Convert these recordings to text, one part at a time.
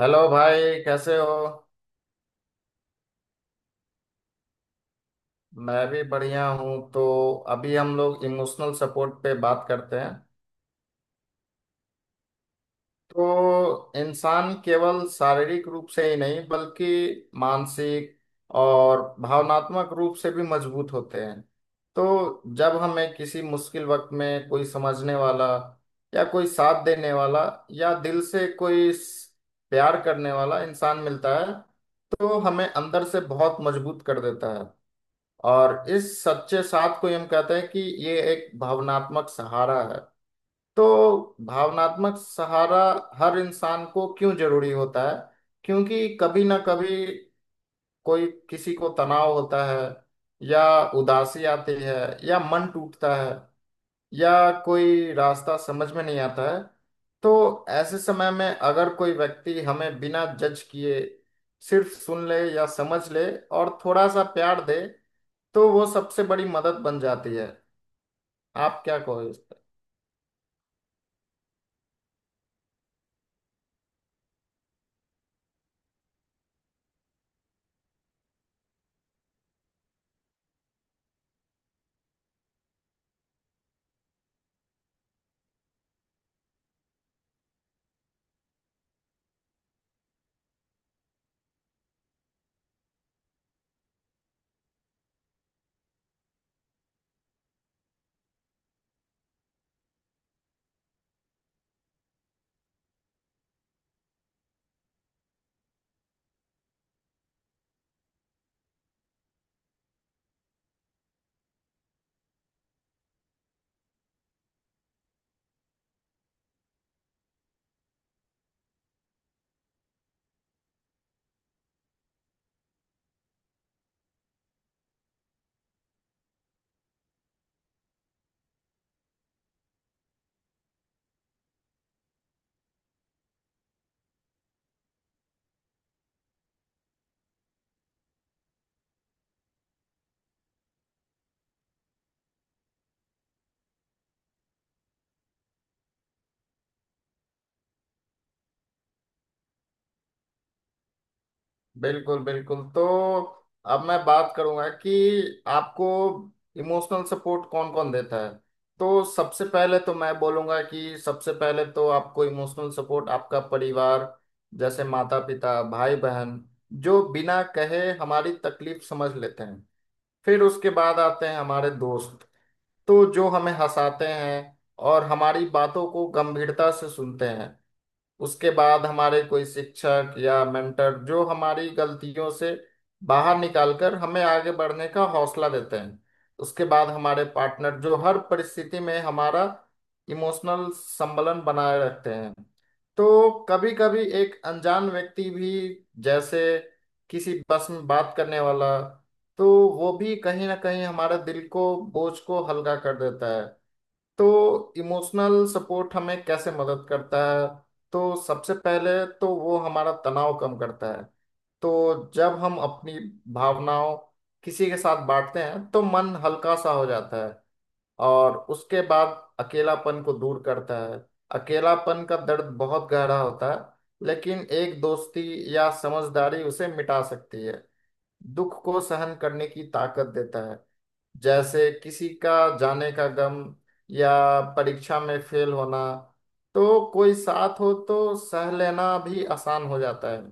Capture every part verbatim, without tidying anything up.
Hello भाई कैसे हो। मैं भी बढ़िया हूँ। तो अभी हम लोग इमोशनल सपोर्ट पे बात करते हैं। तो इंसान केवल शारीरिक रूप से ही नहीं बल्कि मानसिक और भावनात्मक रूप से भी मजबूत होते हैं। तो जब हमें किसी मुश्किल वक्त में कोई समझने वाला या कोई साथ देने वाला या दिल से कोई स- प्यार करने वाला इंसान मिलता है, तो हमें अंदर से बहुत मजबूत कर देता है। और इस सच्चे साथ को ही हम कहते हैं कि ये एक भावनात्मक सहारा है। तो भावनात्मक सहारा हर इंसान को क्यों जरूरी होता है? क्योंकि कभी ना कभी कोई किसी को तनाव होता है, या उदासी आती है, या मन टूटता है, या कोई रास्ता समझ में नहीं आता है। तो ऐसे समय में अगर कोई व्यक्ति हमें बिना जज किए सिर्फ सुन ले या समझ ले और थोड़ा सा प्यार दे, तो वो सबसे बड़ी मदद बन जाती है। आप क्या कहो इस पे? बिल्कुल बिल्कुल। तो अब मैं बात करूंगा कि आपको इमोशनल सपोर्ट कौन कौन देता है। तो सबसे पहले तो मैं बोलूंगा कि सबसे पहले तो आपको इमोशनल सपोर्ट आपका परिवार, जैसे माता पिता भाई बहन, जो बिना कहे हमारी तकलीफ समझ लेते हैं। फिर उसके बाद आते हैं हमारे दोस्त, तो जो हमें हंसाते हैं और हमारी बातों को गंभीरता से सुनते हैं। उसके बाद हमारे कोई शिक्षक या मेंटर, जो हमारी गलतियों से बाहर निकालकर हमें आगे बढ़ने का हौसला देते हैं। उसके बाद हमारे पार्टनर, जो हर परिस्थिति में हमारा इमोशनल संबलन बनाए रखते हैं। तो कभी कभी एक अनजान व्यक्ति भी, जैसे किसी बस में बात करने वाला, तो वो भी कहीं ना कहीं हमारे दिल को बोझ को हल्का कर देता है। तो इमोशनल सपोर्ट हमें कैसे मदद करता है? तो सबसे पहले तो वो हमारा तनाव कम करता है। तो जब हम अपनी भावनाओं किसी के साथ बांटते हैं, तो मन हल्का सा हो जाता है। और उसके बाद अकेलापन को दूर करता है। अकेलापन का दर्द बहुत गहरा होता है, लेकिन एक दोस्ती या समझदारी उसे मिटा सकती है। दुख को सहन करने की ताकत देता है, जैसे किसी का जाने का गम या परीक्षा में फेल होना। तो कोई साथ हो तो सह लेना भी आसान हो जाता है।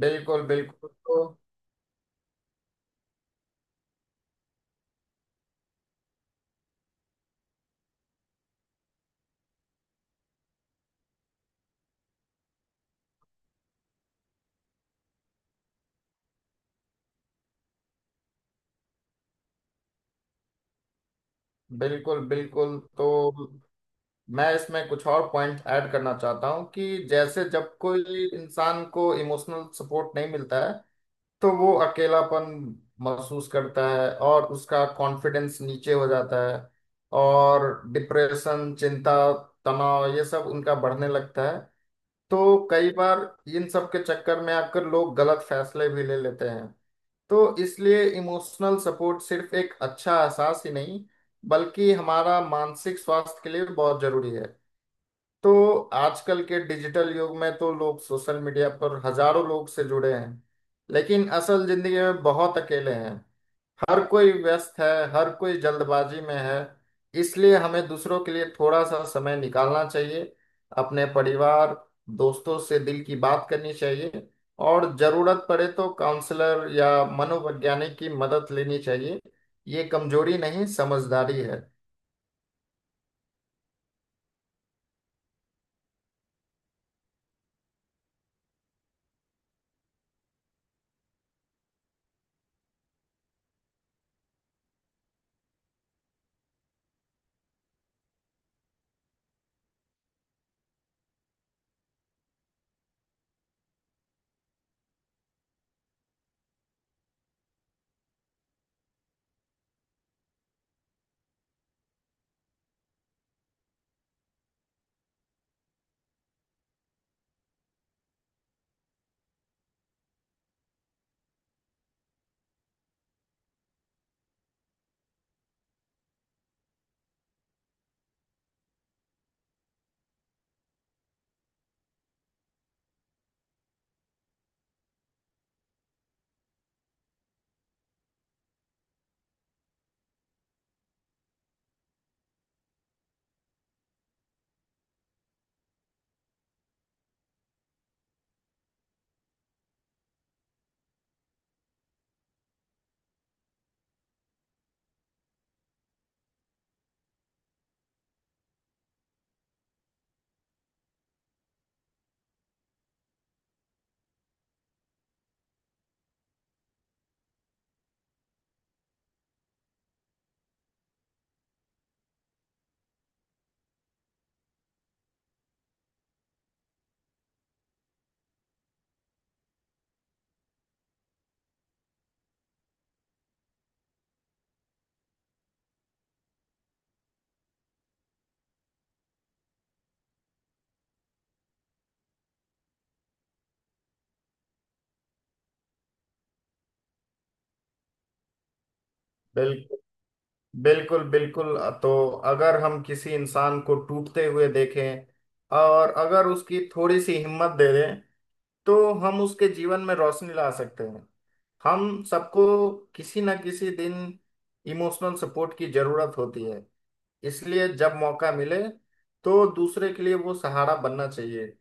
बिल्कुल बिल्कुल। तो बिल्कुल बिल्कुल। तो मैं इसमें कुछ और पॉइंट ऐड करना चाहता हूँ कि जैसे जब कोई इंसान को इमोशनल सपोर्ट नहीं मिलता है, तो वो अकेलापन महसूस करता है और उसका कॉन्फिडेंस नीचे हो जाता है। और डिप्रेशन, चिंता, तनाव, ये सब उनका बढ़ने लगता है। तो कई बार इन सब के चक्कर में आकर लोग गलत फैसले भी ले लेते हैं। तो इसलिए इमोशनल सपोर्ट सिर्फ एक अच्छा एहसास ही नहीं, बल्कि हमारा मानसिक स्वास्थ्य के लिए बहुत जरूरी है। तो आजकल के डिजिटल युग में तो लोग सोशल मीडिया पर हजारों लोग से जुड़े हैं, लेकिन असल जिंदगी में बहुत अकेले हैं। हर कोई व्यस्त है, हर कोई जल्दबाजी में है। इसलिए हमें दूसरों के लिए थोड़ा सा समय निकालना चाहिए, अपने परिवार, दोस्तों से दिल की बात करनी चाहिए। और जरूरत पड़े तो काउंसलर या मनोवैज्ञानिक की मदद लेनी चाहिए। ये कमजोरी नहीं, समझदारी है। बिल्कुल बिल्कुल बिल्कुल। तो अगर हम किसी इंसान को टूटते हुए देखें और अगर उसकी थोड़ी सी हिम्मत दे दें, तो हम उसके जीवन में रोशनी ला सकते हैं। हम सबको किसी ना किसी दिन इमोशनल सपोर्ट की जरूरत होती है। इसलिए जब मौका मिले, तो दूसरे के लिए वो सहारा बनना चाहिए।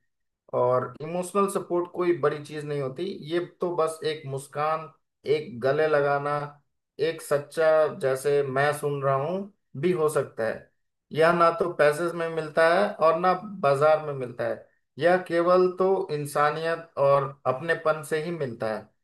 और इमोशनल सपोर्ट कोई बड़ी चीज नहीं होती। ये तो बस एक मुस्कान, एक गले लगाना, एक सच्चा जैसे मैं सुन रहा हूँ भी हो सकता है। यह ना तो पैसे में मिलता है और ना बाजार में मिलता है। यह केवल तो इंसानियत और अपनेपन से ही मिलता है।